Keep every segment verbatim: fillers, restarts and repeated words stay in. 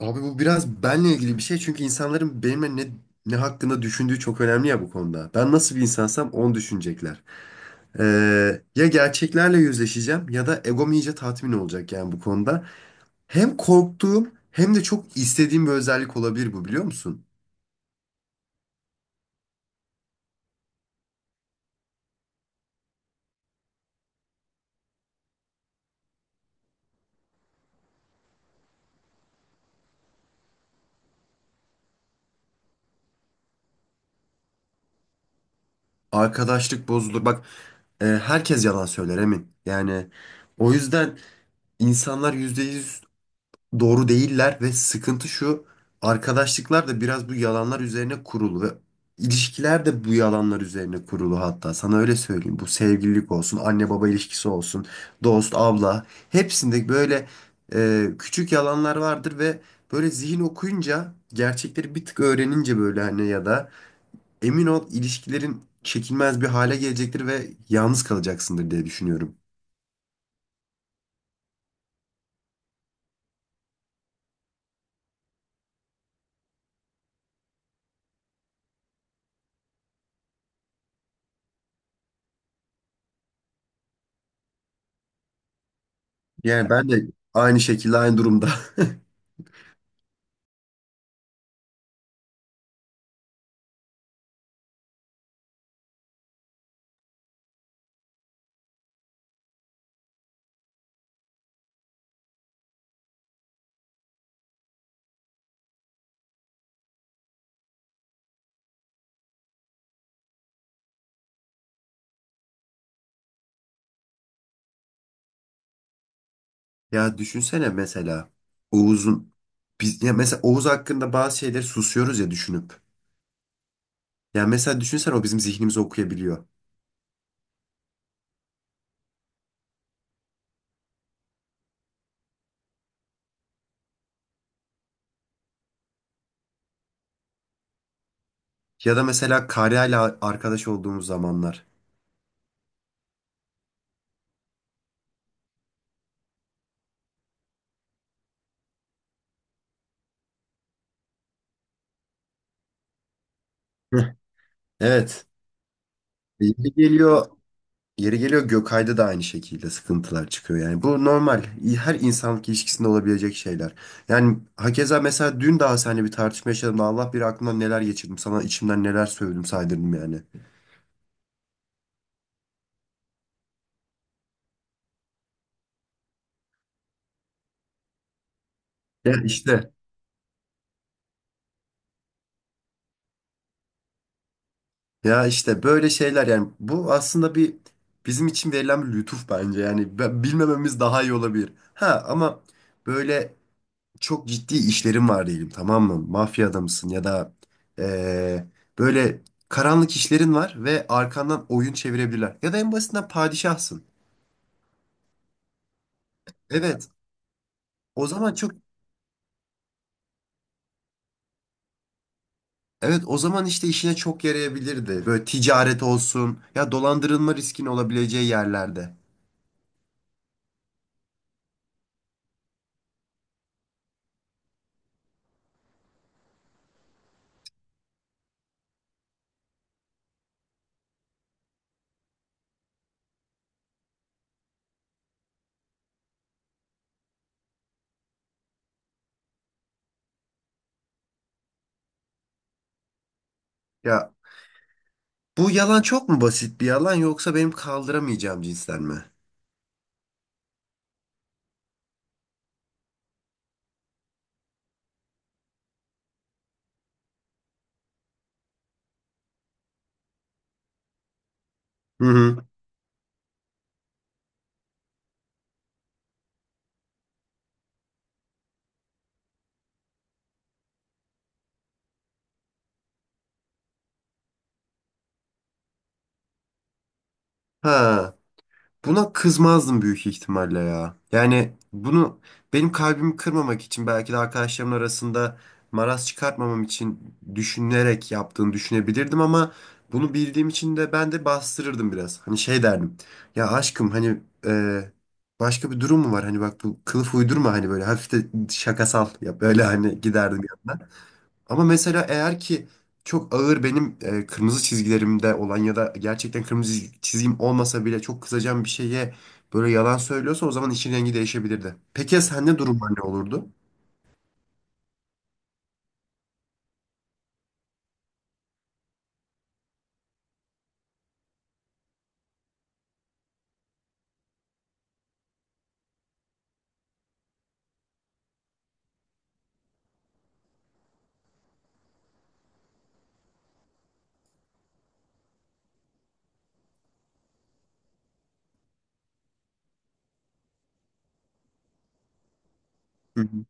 Abi bu biraz benle ilgili bir şey çünkü insanların benimle ne ne hakkında düşündüğü çok önemli ya bu konuda. Ben nasıl bir insansam onu düşünecekler. Ee, ya gerçeklerle yüzleşeceğim ya da egom iyice tatmin olacak yani bu konuda. Hem korktuğum hem de çok istediğim bir özellik olabilir bu, biliyor musun? Arkadaşlık bozulur. Bak, e, herkes yalan söyler, emin. Yani o yüzden insanlar yüzde yüz doğru değiller ve sıkıntı şu: arkadaşlıklar da biraz bu yalanlar üzerine kurulu ve ilişkiler de bu yalanlar üzerine kurulu. Hatta sana öyle söyleyeyim, bu sevgililik olsun, anne baba ilişkisi olsun, dost abla, hepsinde böyle e, küçük yalanlar vardır ve böyle zihin okuyunca, gerçekleri bir tık öğrenince böyle hani, ya da emin ol, ilişkilerin çekilmez bir hale gelecektir ve yalnız kalacaksındır diye düşünüyorum. Yani ben de aynı şekilde, aynı durumda. Ya düşünsene, mesela Oğuz'un biz, ya mesela Oğuz hakkında bazı şeyleri susuyoruz ya, düşünüp. Ya mesela düşünsene, o bizim zihnimizi okuyabiliyor. Ya da mesela Karya'yla arkadaş olduğumuz zamanlar. Heh. Evet. Yeri geliyor, yeri geliyor Gökay'da da aynı şekilde sıkıntılar çıkıyor. Yani bu normal. Her insanlık ilişkisinde olabilecek şeyler. Yani hakeza, mesela dün daha seninle bir tartışma yaşadım da Allah bilir aklımdan neler geçirdim. Sana içimden neler söyledim, saydırdım yani. Ya işte. Ya işte böyle şeyler yani, bu aslında bir bizim için verilen bir lütuf bence. Yani be- bilmememiz daha iyi olabilir. Ha, ama böyle çok ciddi işlerim var diyelim, tamam mı? Mafya adamısın ya da eee, böyle karanlık işlerin var ve arkandan oyun çevirebilirler. Ya da en basitinden padişahsın. Evet o zaman çok evet o zaman işte işine çok yarayabilirdi. Böyle ticaret olsun ya dolandırılma riskin olabileceği yerlerde. Ya, bu yalan çok mu basit bir yalan, yoksa benim kaldıramayacağım cinsten mi? Hı hı. Ha, buna kızmazdım büyük ihtimalle ya. Yani bunu benim kalbimi kırmamak için, belki de arkadaşlarımın arasında maraz çıkartmamam için düşünerek yaptığını düşünebilirdim ama bunu bildiğim için de ben de bastırırdım biraz. Hani şey derdim. Ya aşkım, hani e, başka bir durum mu var? Hani bak, bu kılıf uydurma, hani böyle hafif de şakasal yap. Böyle hani giderdim yanına. Ama mesela eğer ki çok ağır, benim e, kırmızı çizgilerimde olan ya da gerçekten kırmızı çizgim olmasa bile çok kızacağım bir şeye böyle yalan söylüyorsa, o zaman işin rengi değişebilirdi. Peki ya sende durumlar ne olurdu? Hı hı.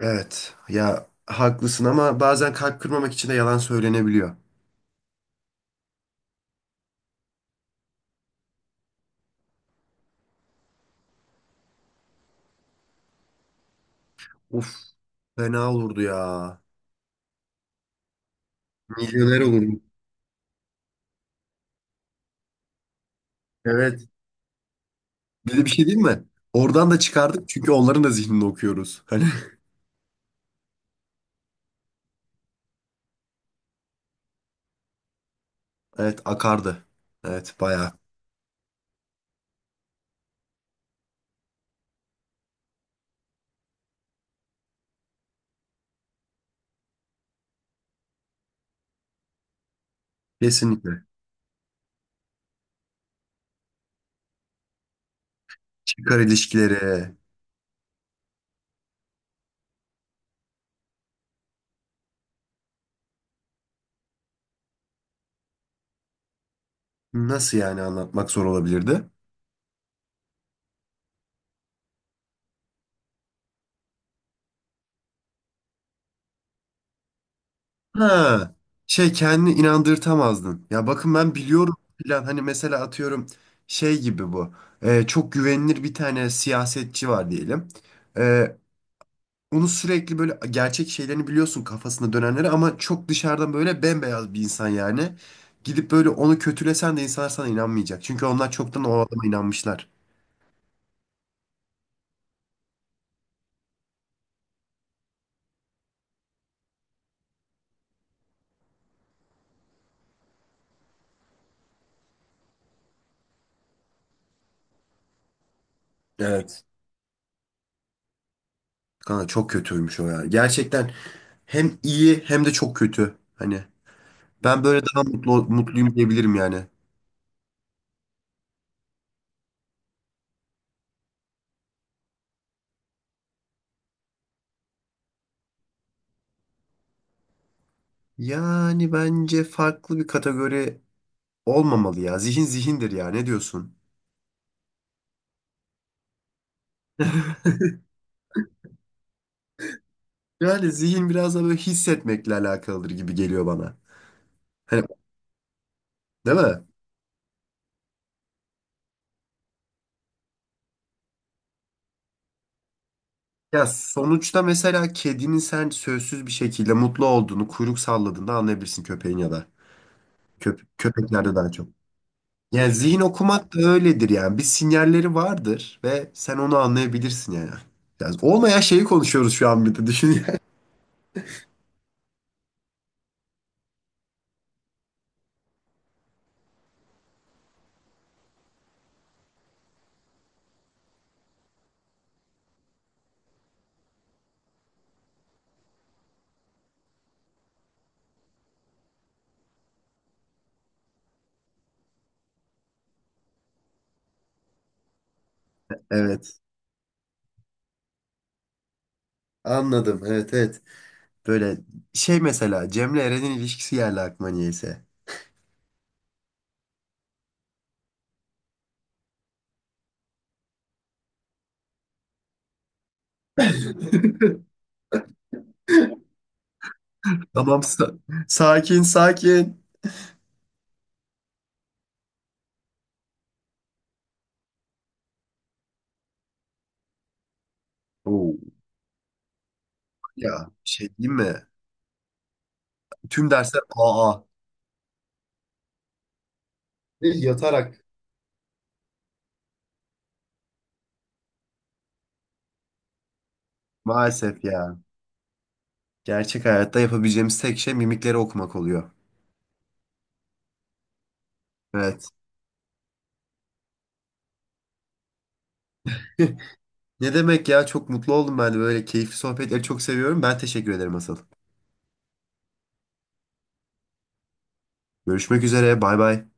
Evet ya, haklısın ama bazen kalp kırmamak için de yalan söylenebiliyor. Uf, fena olurdu ya. Milyoner olurdum. Evet. Bir de bir şey diyeyim mi? Oradan da çıkardık çünkü onların da zihnini okuyoruz. Hani. Evet, akardı. Evet, bayağı. Kesinlikle. Çıkar ilişkileri. Nasıl yani, anlatmak zor olabilirdi? Ha, şey, kendini inandırtamazdın. Ya bakın, ben biliyorum falan, hani mesela atıyorum şey gibi bu. Ee, çok güvenilir bir tane siyasetçi var diyelim. Ee, onu sürekli böyle gerçek şeylerini biliyorsun, kafasında dönenleri, ama çok dışarıdan böyle bembeyaz bir insan yani. Gidip böyle onu kötülesen de insanlar sana inanmayacak. Çünkü onlar çoktan o adama inanmışlar. Evet. Kanka çok kötüymüş o ya. Gerçekten hem iyi hem de çok kötü. Hani. Ben böyle daha mutlu mutluyum diyebilirim yani. Yani bence farklı bir kategori olmamalı ya. Zihin zihindir ya. Ne diyorsun? Yani zihin biraz da böyle hissetmekle alakalıdır gibi geliyor bana. Hani, değil mi? Ya sonuçta mesela kedinin sen sözsüz bir şekilde mutlu olduğunu kuyruk salladığında anlayabilirsin, köpeğin ya da köp köpeklerde daha çok. Yani zihin okumak da öyledir yani. Bir sinyalleri vardır ve sen onu anlayabilirsin yani. Yani olmayan şeyi konuşuyoruz şu an, bir de düşün yani. Evet. Anladım. Evet, evet. Böyle şey, mesela Cem'le Eren'in ilişkisi geldi aklıma niyeyse. Tamam, sa- sakin sakin. Oo. Ya bir şey diyeyim mi? Tüm dersler, aa. Ve yatarak. Maalesef ya. Gerçek hayatta yapabileceğimiz tek şey mimikleri okumak oluyor. Evet. Ne demek ya, çok mutlu oldum, ben de böyle keyifli sohbetleri çok seviyorum. Ben teşekkür ederim asıl. Görüşmek üzere. Bay bay.